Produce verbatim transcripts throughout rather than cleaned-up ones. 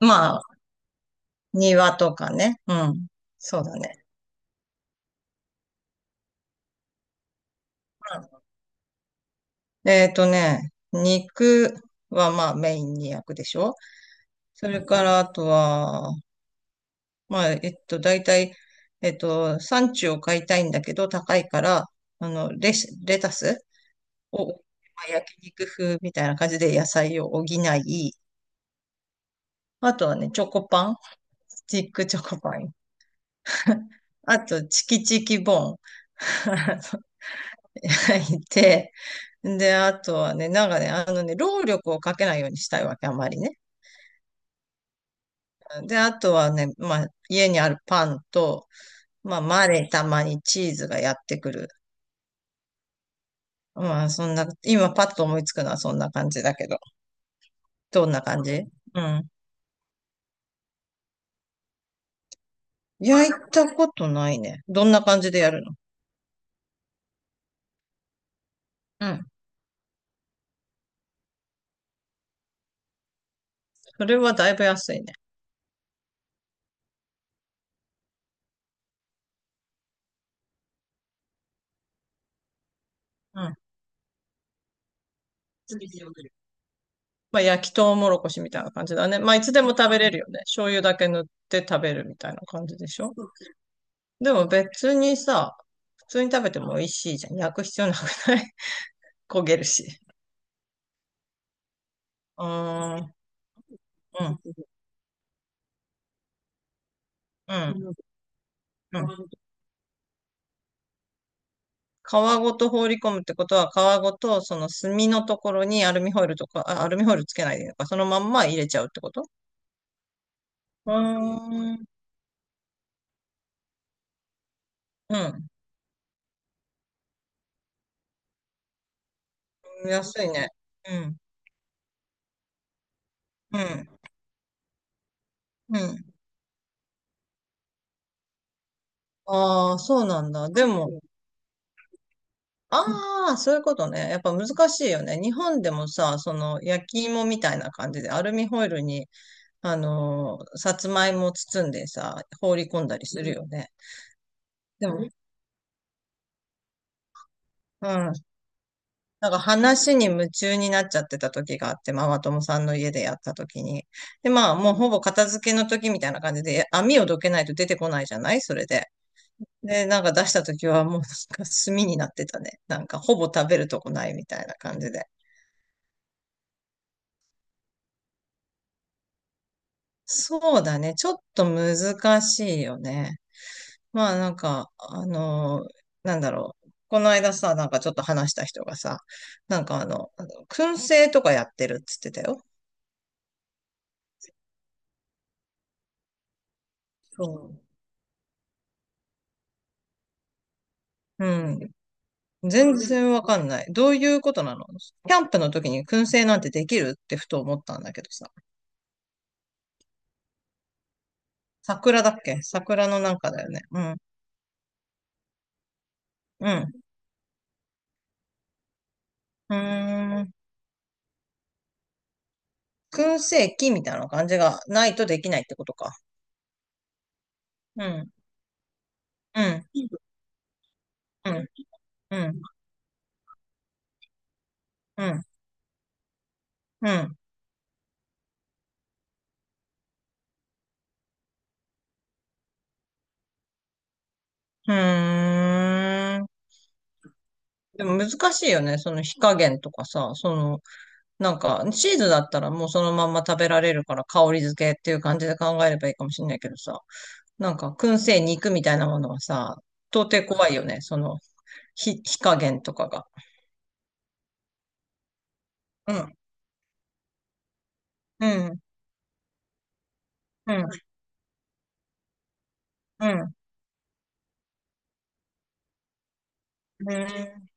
まあ、庭とかね。うん。そうだね。うんえっとね、肉はまあメインに焼くでしょ。それからあとは、まあ、えっと、大体、えっと、産地を買いたいんだけど高いから、あの、レシ、レタスを、まあ、焼肉風みたいな感じで野菜を補い、あとはね、チョコパン、スティックチョコパン、あと、チキチキボーン。いて、で、あとはね、なんかね、あのね、労力をかけないようにしたいわけ、あまりね。で、あとはね、まあ、家にあるパンと、まあ、マレーたまにチーズがやってくる。まあ、そんな、今パッと思いつくのはそんな感じだけど。どんな感じ？うん。焼いたことないね。どんな感じでやるの？うん。それはだいぶ安いね。うん。まあ、焼きとうもろこしみたいな感じだね。まあ、いつでも食べれるよね。醤油だけ塗って食べるみたいな感じでしょ？でも別にさ、普通に食べても美味しいじゃん。焼く必要なくない？ 焦げるし。うーん、うん、うん、うん。皮ごと放り込むってことは、皮ごとその炭のところにアルミホイルとか、あアルミホイルつけないでいいのか、そのまんま入れちゃうってこと？うーん、うん。安いね。うん、うん、うん。ああ、そうなんだ。でも、ああ、そういうことね。やっぱ難しいよね。日本でもさ、その焼き芋みたいな感じでアルミホイルにあの、さつまいも包んでさ、放り込んだりするよね。でも、うん。なんか話に夢中になっちゃってた時があって、ママ友さんの家でやった時に。で、まあ、もうほぼ片付けの時みたいな感じで、網をどけないと出てこないじゃないそれで。で、なんか出した時はもうなんか炭になってたね。なんかほぼ食べるとこないみたいな感じで。そうだね。ちょっと難しいよね。まあなんか、あのーなんだろう。この間さ、なんかちょっと話した人がさ、なんかあの、あの燻製とかやってるっつってたよ。そう。うん。全然わかんない。どういうことなの？キャンプの時に燻製なんてできるってふと思ったんだけどさ。桜だっけ？桜のなんかだよね。うん。うん。うーん。燻製器みたいな感じがないとできないってことか。うん。うん。うん。うん。うん。うん。うーん。でも難しいよね。その火加減とかさ、その、なんか、チーズだったらもうそのまんま食べられるから香り付けっていう感じで考えればいいかもしれないけどさ、なんか、燻製肉みたいなものはさ、到底怖いよね。その、火、火加減とかが。うん、うん、うん、うん。うん。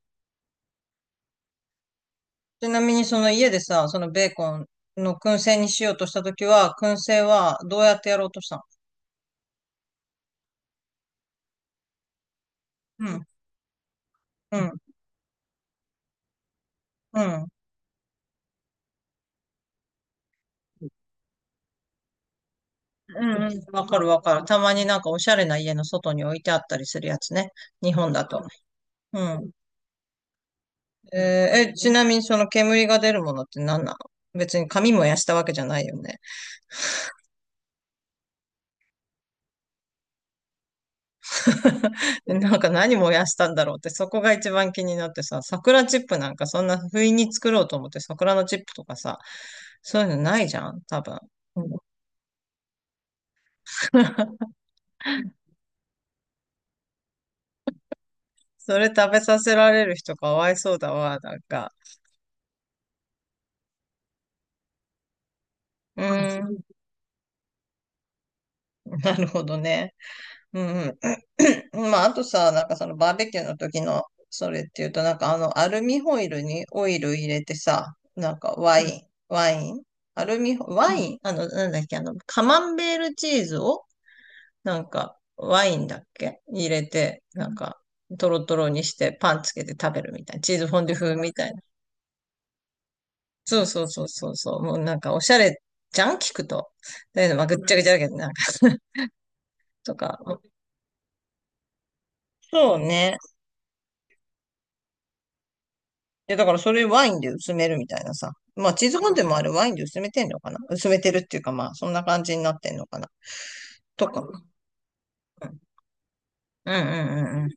ちなみにその家でさ、そのベーコンの燻製にしようとしたときは、燻製はどうやってやろうとしたの？うん、うん、うんうん、わかるわかる。たまになんかおしゃれな家の外に置いてあったりするやつね。日本だと。うん。えーえ、ちなみにその煙が出るものって何なの？別に紙燃やしたわけじゃないよね。でなんか何燃やしたんだろうって、そこが一番気になってさ、桜チップなんかそんな不意に作ろうと思って桜のチップとかさ、そういうのないじゃん、多分。うん。 それ食べさせられる人かわいそうだわ、なんか。うーん、なるほどね。うん。うん。まあ、あとさ、なんかそのバーベキューの時のそれっていうと、なんかあのアルミホイルにオイル入れてさ、なんかワイン、ワイン、アルミホ、ワイン、あの、なんだっけ、あの、カマンベールチーズを、なんかワインだっけ入れて、なんかトロトロにしてパンつけて食べるみたいな、チーズフォンデュ風みたいな。そうそうそうそうそう、もうなんかおしゃれじゃん、聞くと。だけど、まあ、ぐっちゃぐちゃだけど、なんか とか。そうね。や、だからそれワインで薄めるみたいなさ。まあ、チーズフォンデュもあれワインで薄めてんのかな？薄めてるっていうか、まあ、そんな感じになってんのかなとか。うん。うん。うん。うん。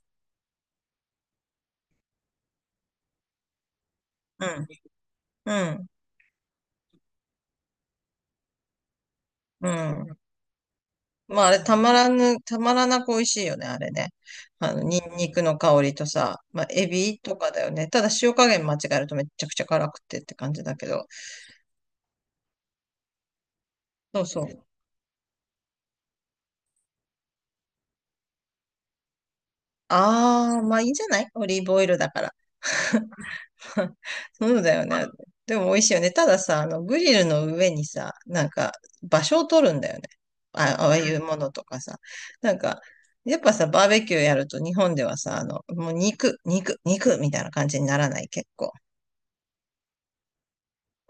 うん。うん。うん。まあ、あれ、たまらぬ、たまらなく美味しいよね、あれね。あの、ニンニクの香りとさ、まあ、エビとかだよね。ただ、塩加減間違えるとめっちゃくちゃ辛くてって感じだけど。そうそう。ああ、まあいいんじゃない？オリーブオイルだから。そうだよね。でも美味しいよね。たださ、あの、グリルの上にさ、なんか、場所を取るんだよね。あ、ああいうものとかさ。なんか、やっぱさ、バーベキューやると日本ではさ、あの、もう肉、肉、肉みたいな感じにならない、結構。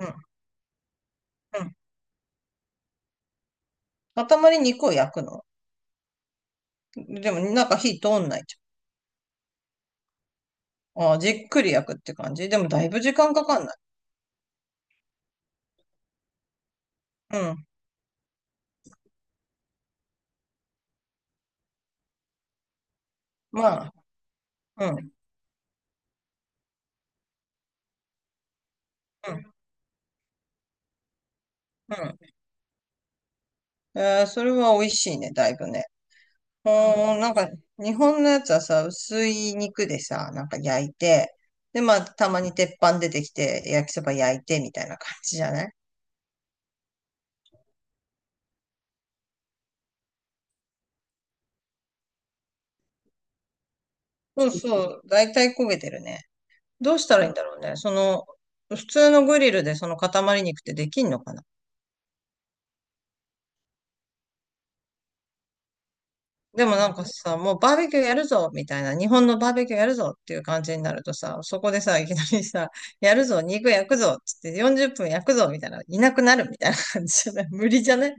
うん、うん。塊肉を焼くの？でも、なんか火通んないじゃん。ああ、じっくり焼くって感じ。でも、だいぶ時間かかんない？うん。まあ、うん、うん、うん。えーそれは美味しいね、だいぶね。あーなんか、日本のやつはさ、薄い肉でさ、なんか焼いて、で、まあ、たまに鉄板出てきて、焼きそば焼いて、みたいな感じじゃない？そうそう、だいたい焦げてるね。どうしたらいいんだろうね。その、普通のグリルでその塊肉ってできんのかな？でもなんかさ、もうバーベキューやるぞみたいな、日本のバーベキューやるぞっていう感じになるとさ、そこでさ、いきなりさ、やるぞ、肉焼くぞっつってよんじゅっぷん焼くぞみたいな、いなくなるみたいな感じじゃない？無理じゃね？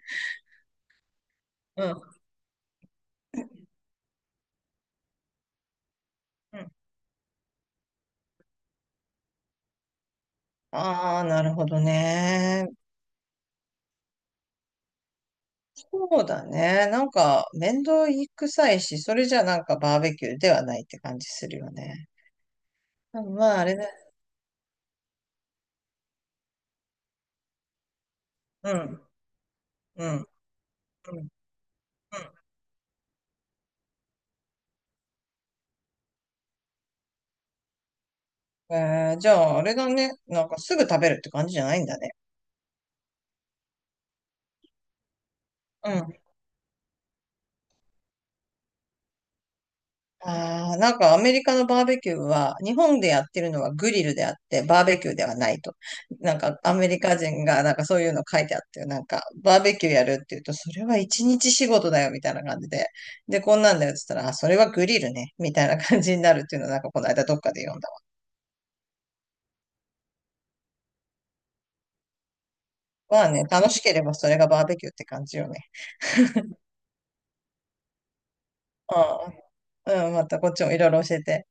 うん。ああ、なるほどね。そうだね。なんか、面倒くさいし、それじゃなんかバーベキューではないって感じするよね。でもまあ、あれね。うん、うん、うん、うん。えーじゃあ、あれだね。なんかすぐ食べるって感じじゃないんだね。うん。ああ、なんかアメリカのバーベキューは、日本でやってるのはグリルであって、バーベキューではないと。なんかアメリカ人がなんかそういうの書いてあって、なんかバーベキューやるって言うと、それは一日仕事だよみたいな感じで。で、こんなんだよって言ったら、あ、それはグリルね、みたいな感じになるっていうのはなんかこの間どっかで読んだわ。まあね、楽しければそれがバーベキューって感じよね。うん、うん、またこっちもいろいろ教えて。